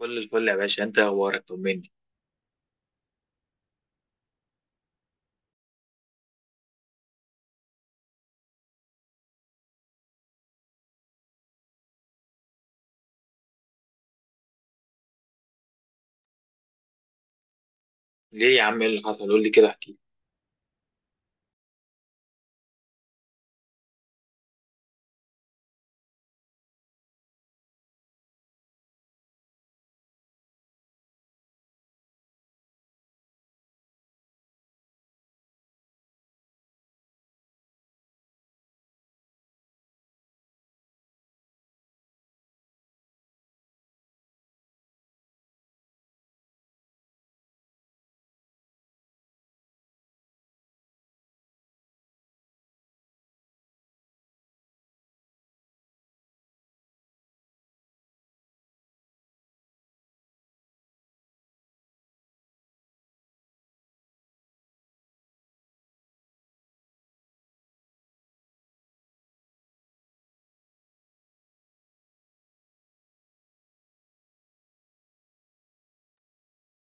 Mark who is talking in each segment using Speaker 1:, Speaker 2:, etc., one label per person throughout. Speaker 1: كل الفل يا باشا، انت اخبارك؟ طمني. ليه يا عم، ايه اللي حصل؟ قول لي كده، احكي لي.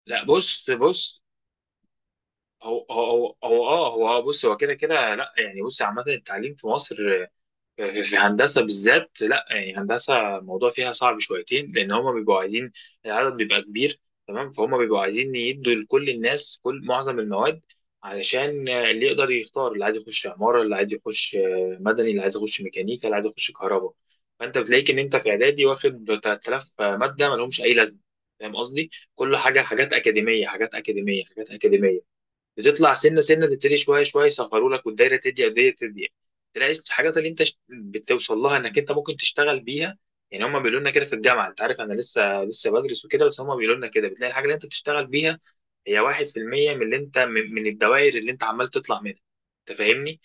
Speaker 1: لا، بص بص. هو بص، هو كده كده. لا يعني، بص، عامة التعليم في مصر، في هندسة بالذات، لا يعني، هندسة الموضوع فيها صعب شويتين لأن هما بيبقوا عايزين. العدد بيبقى كبير، تمام؟ فهم بيبقوا عايزين يدوا لكل الناس كل معظم المواد علشان اللي يقدر يختار، اللي عايز يخش عمارة، اللي عايز يخش مدني، اللي عايز يخش ميكانيكا، اللي عايز يخش كهرباء. فأنت بتلاقيك إن أنت في إعدادي واخد 3000 مادة مالهمش أي لازمة. فاهم قصدي؟ كل حاجة، حاجات أكاديمية، حاجات أكاديمية، حاجات أكاديمية، بتطلع سنه سنه تبتدي شويه شويه يصغروا لك، والدايره تضيق والدايره تضيق، تلاقي الحاجات اللي انت بتوصل لها انك انت ممكن تشتغل بيها. يعني هم بيقولوا لنا كده في الجامعه، انت عارف، انا لسه بدرس وكده، بس هم بيقولوا لنا كده، بتلاقي الحاجه اللي انت بتشتغل بيها هي 1% من اللي انت من الدوائر اللي انت عمال تطلع منها. انت فاهمني؟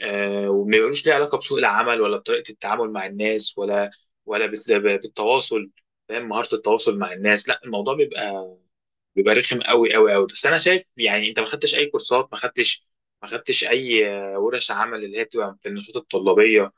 Speaker 1: وما بيقولوش ليه علاقه بسوق العمل، ولا بطريقه التعامل مع الناس، ولا بالتواصل، فاهم؟ مهاره التواصل مع الناس. لا، الموضوع بيبقى رخم قوي قوي قوي. بس انا شايف، يعني انت ما خدتش اي كورسات، ما خدتش، ما خدتش اي ورش عمل اللي هي بتبقى في النشاط الطلابيه.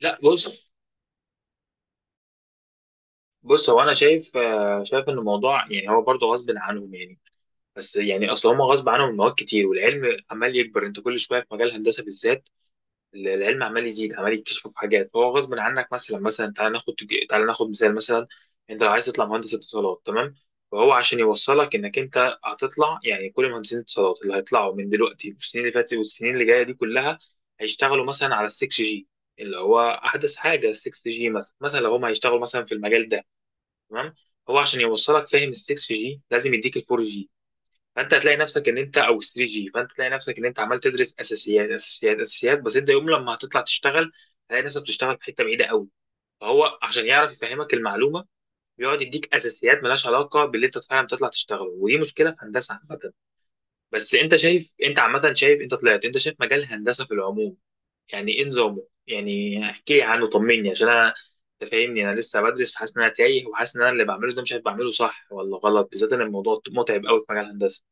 Speaker 1: لا، بص بص، هو انا شايف، شايف ان الموضوع، يعني هو برضه غصب عنهم يعني. بس يعني اصل هم غصب عنهم مواد كتير، والعلم عمال يكبر، انت كل شويه في مجال الهندسه بالذات العلم عمال يزيد، عمال يكتشفوا في حاجات، هو غصب عنك. مثلا مثلا تعال ناخد مثال. مثلا انت لو عايز تطلع مهندس اتصالات، تمام؟ فهو عشان يوصلك انك انت هتطلع، يعني كل مهندسين الاتصالات اللي هيطلعوا من دلوقتي والسنين اللي فاتت والسنين اللي جايه دي كلها هيشتغلوا مثلا على ال 6 جي، اللي هو احدث حاجه، ال 6 جي. مثلا مثلا لو هم هيشتغلوا مثلا في المجال ده، تمام. هو عشان يوصلك فاهم ال 6 جي لازم يديك ال 4 جي، فانت هتلاقي نفسك ان انت، او 3 جي، فانت هتلاقي نفسك ان انت عمال تدرس اساسيات اساسيات اساسيات. بس انت يوم لما هتطلع تشتغل هتلاقي نفسك بتشتغل في حته بعيده قوي. فهو عشان يعرف يفهمك المعلومه بيقعد يديك اساسيات ملهاش علاقه باللي انت فعلا بتطلع تشتغله، ودي مشكله في هندسه عامه. بس انت شايف، انت عامه شايف، انت طلعت، انت شايف مجال الهندسه في العموم، يعني ايه نظامه؟ يعني احكي لي عنه، طمني. عشان انا، انت فاهمني، انا لسه بدرس، فحاسس ان انا تايه وحاسس ان انا اللي بعمله ده مش عارف بعمله صح ولا غلط، بالذات ان الموضوع متعب قوي في مجال الهندسه.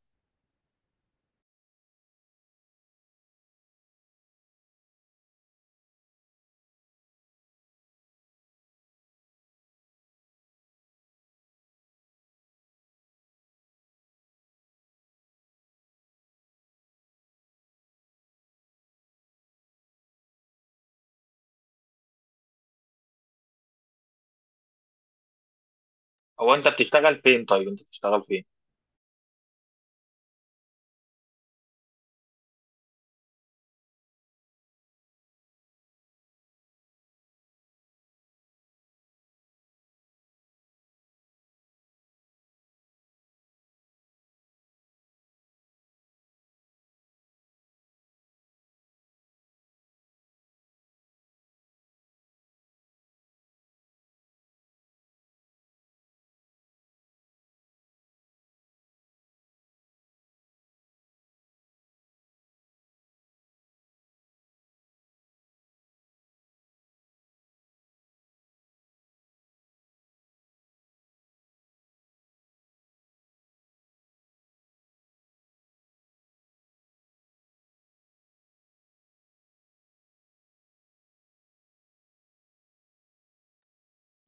Speaker 1: هو انت بتشتغل فين؟ طيب انت بتشتغل فين؟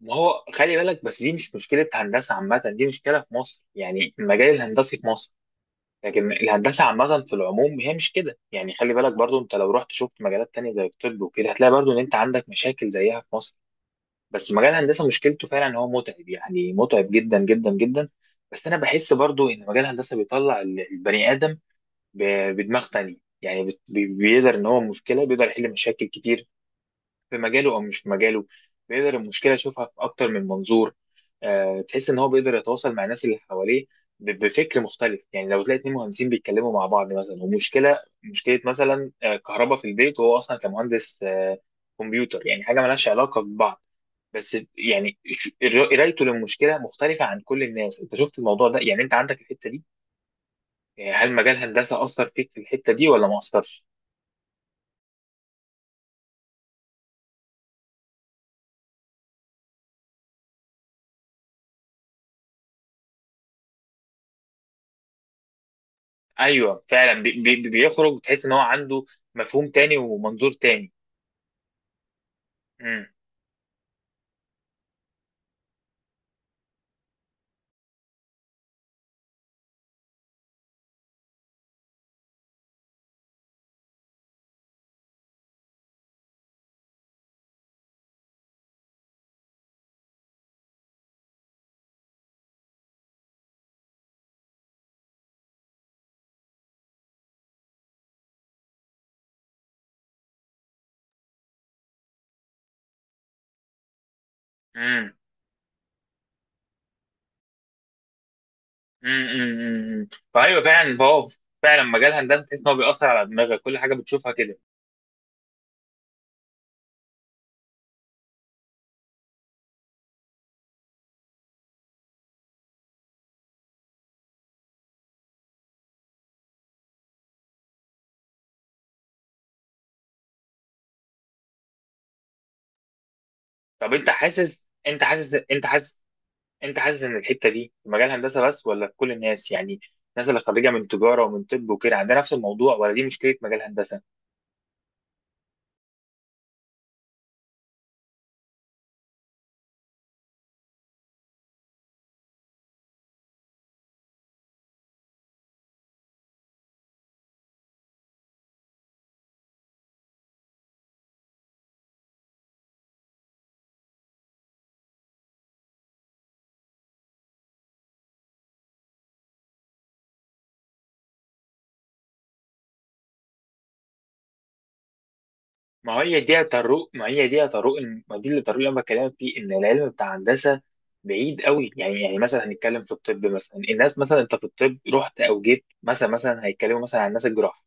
Speaker 1: ما هو خلي بالك بس، دي مش مشكله هندسه عامه، دي مشكله في مصر، يعني المجال الهندسي في مصر. لكن الهندسه عامه في العموم هي مش كده. يعني خلي بالك برضو، انت لو رحت شفت مجالات تانية زي الطب وكده هتلاقي برضو ان انت عندك مشاكل زيها في مصر. بس مجال الهندسه مشكلته فعلا ان هو متعب، يعني متعب جدا جدا جدا. بس انا بحس برضو ان مجال الهندسه بيطلع البني ادم بدماغ تانية. يعني بيقدر ان هو مشكله، بيقدر يحل مشاكل كتير في مجاله او مش في مجاله. بيقدر المشكله يشوفها في اكتر من منظور. تحس ان هو بيقدر يتواصل مع الناس اللي حواليه بفكر مختلف. يعني لو تلاقي اتنين مهندسين بيتكلموا مع بعض مثلا، ومشكله مشكله مثلا كهرباء في البيت، وهو اصلا كمهندس كمبيوتر، يعني حاجه مالهاش علاقه ببعض، بس يعني قرايته للمشكله مختلفه عن كل الناس. انت شفت الموضوع ده؟ يعني انت عندك الحته دي. يعني هل مجال هندسه اثر فيك في الحته دي ولا ما اثرش؟ ايوه فعلا. بي بي بيخرج تحس ان هو عنده مفهوم تاني ومنظور تاني. امم. امم. امم. امم. إمم، إمم. فايوه فعلا، فهو فعلا مجال هندسه تحس ان هو بيأثر على دماغك، كل حاجه بتشوفها كده. طب انت حاسس ان الحته دي في مجال هندسه بس، ولا في كل الناس؟ يعني الناس اللي خريجه من تجاره ومن طب وكده عندها نفس الموضوع؟ ولا دي مشكله مجال هندسه؟ ما هي دي يا طارق، ما هي دي يا طارق الم- ما دي اللي طارق اللي انا بكلمك فيه، ان العلم بتاع هندسه بعيد قوي. يعني مثلا هنتكلم في الطب مثلا، الناس مثلا انت في الطب رحت او جيت، مثلا مثلا هيتكلموا مثلا عن الناس الجراح،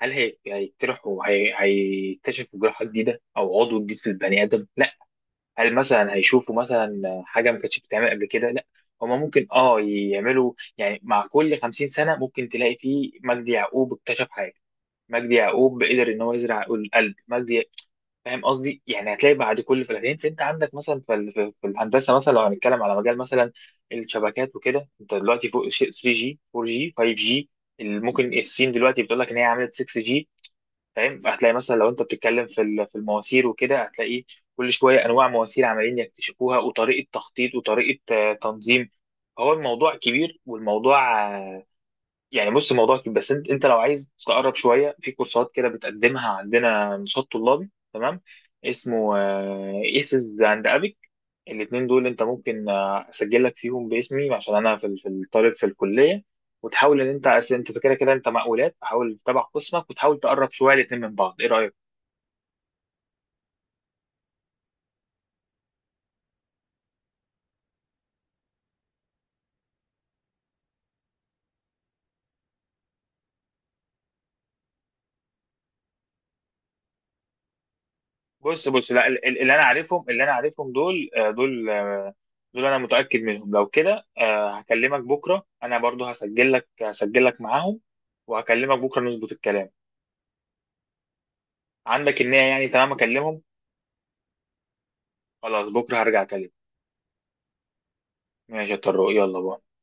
Speaker 1: هل هيجترحوا، هيكتشفوا جراحه جديده او عضو جديد في البني ادم؟ لا. هل مثلا هيشوفوا مثلا حاجه ما كانتش بتتعمل قبل كده؟ لا. هما ممكن اه يعملوا، يعني مع كل 50 سنه ممكن تلاقي فيه مجدي يعقوب اكتشف حاجه، مجدي يعقوب قدر ان هو يزرع القلب. مجدي، فاهم قصدي؟ يعني هتلاقي بعد كل فلاتين. انت عندك مثلا في في الهندسه، مثلا لو هنتكلم على مجال مثلا الشبكات وكده، انت دلوقتي فوق شيء 3G 4G 5G. ممكن الصين دلوقتي بتقول لك ان هي عملت 6G، فاهم؟ هتلاقي مثلا لو انت بتتكلم في المواسير وكده، هتلاقي كل شويه انواع مواسير عمالين يكتشفوها، وطريقه تخطيط، وطريقه تنظيم. هو الموضوع كبير، والموضوع، يعني بص، الموضوع كده بس. انت لو عايز تقرب شويه، في كورسات كده بتقدمها عندنا نشاط طلابي تمام، اسمه ايسز اند ابيك. الاثنين دول انت ممكن اسجل لك فيهم باسمي، عشان انا في الطالب في الكليه. وتحاول ان انت انت كده كده انت مقاولات، تحاول تتابع قسمك وتحاول تقرب شويه الاثنين من بعض، ايه رايك؟ بص بص، لا اللي انا عارفهم، دول، انا متاكد منهم. لو كده، هكلمك بكره. انا برضو هسجل لك معاهم، وهكلمك بكره نظبط الكلام. عندك النية يعني؟ تمام، اكلمهم. خلاص، بكره هرجع اكلمك. ماشي يا طارق، يلا باي.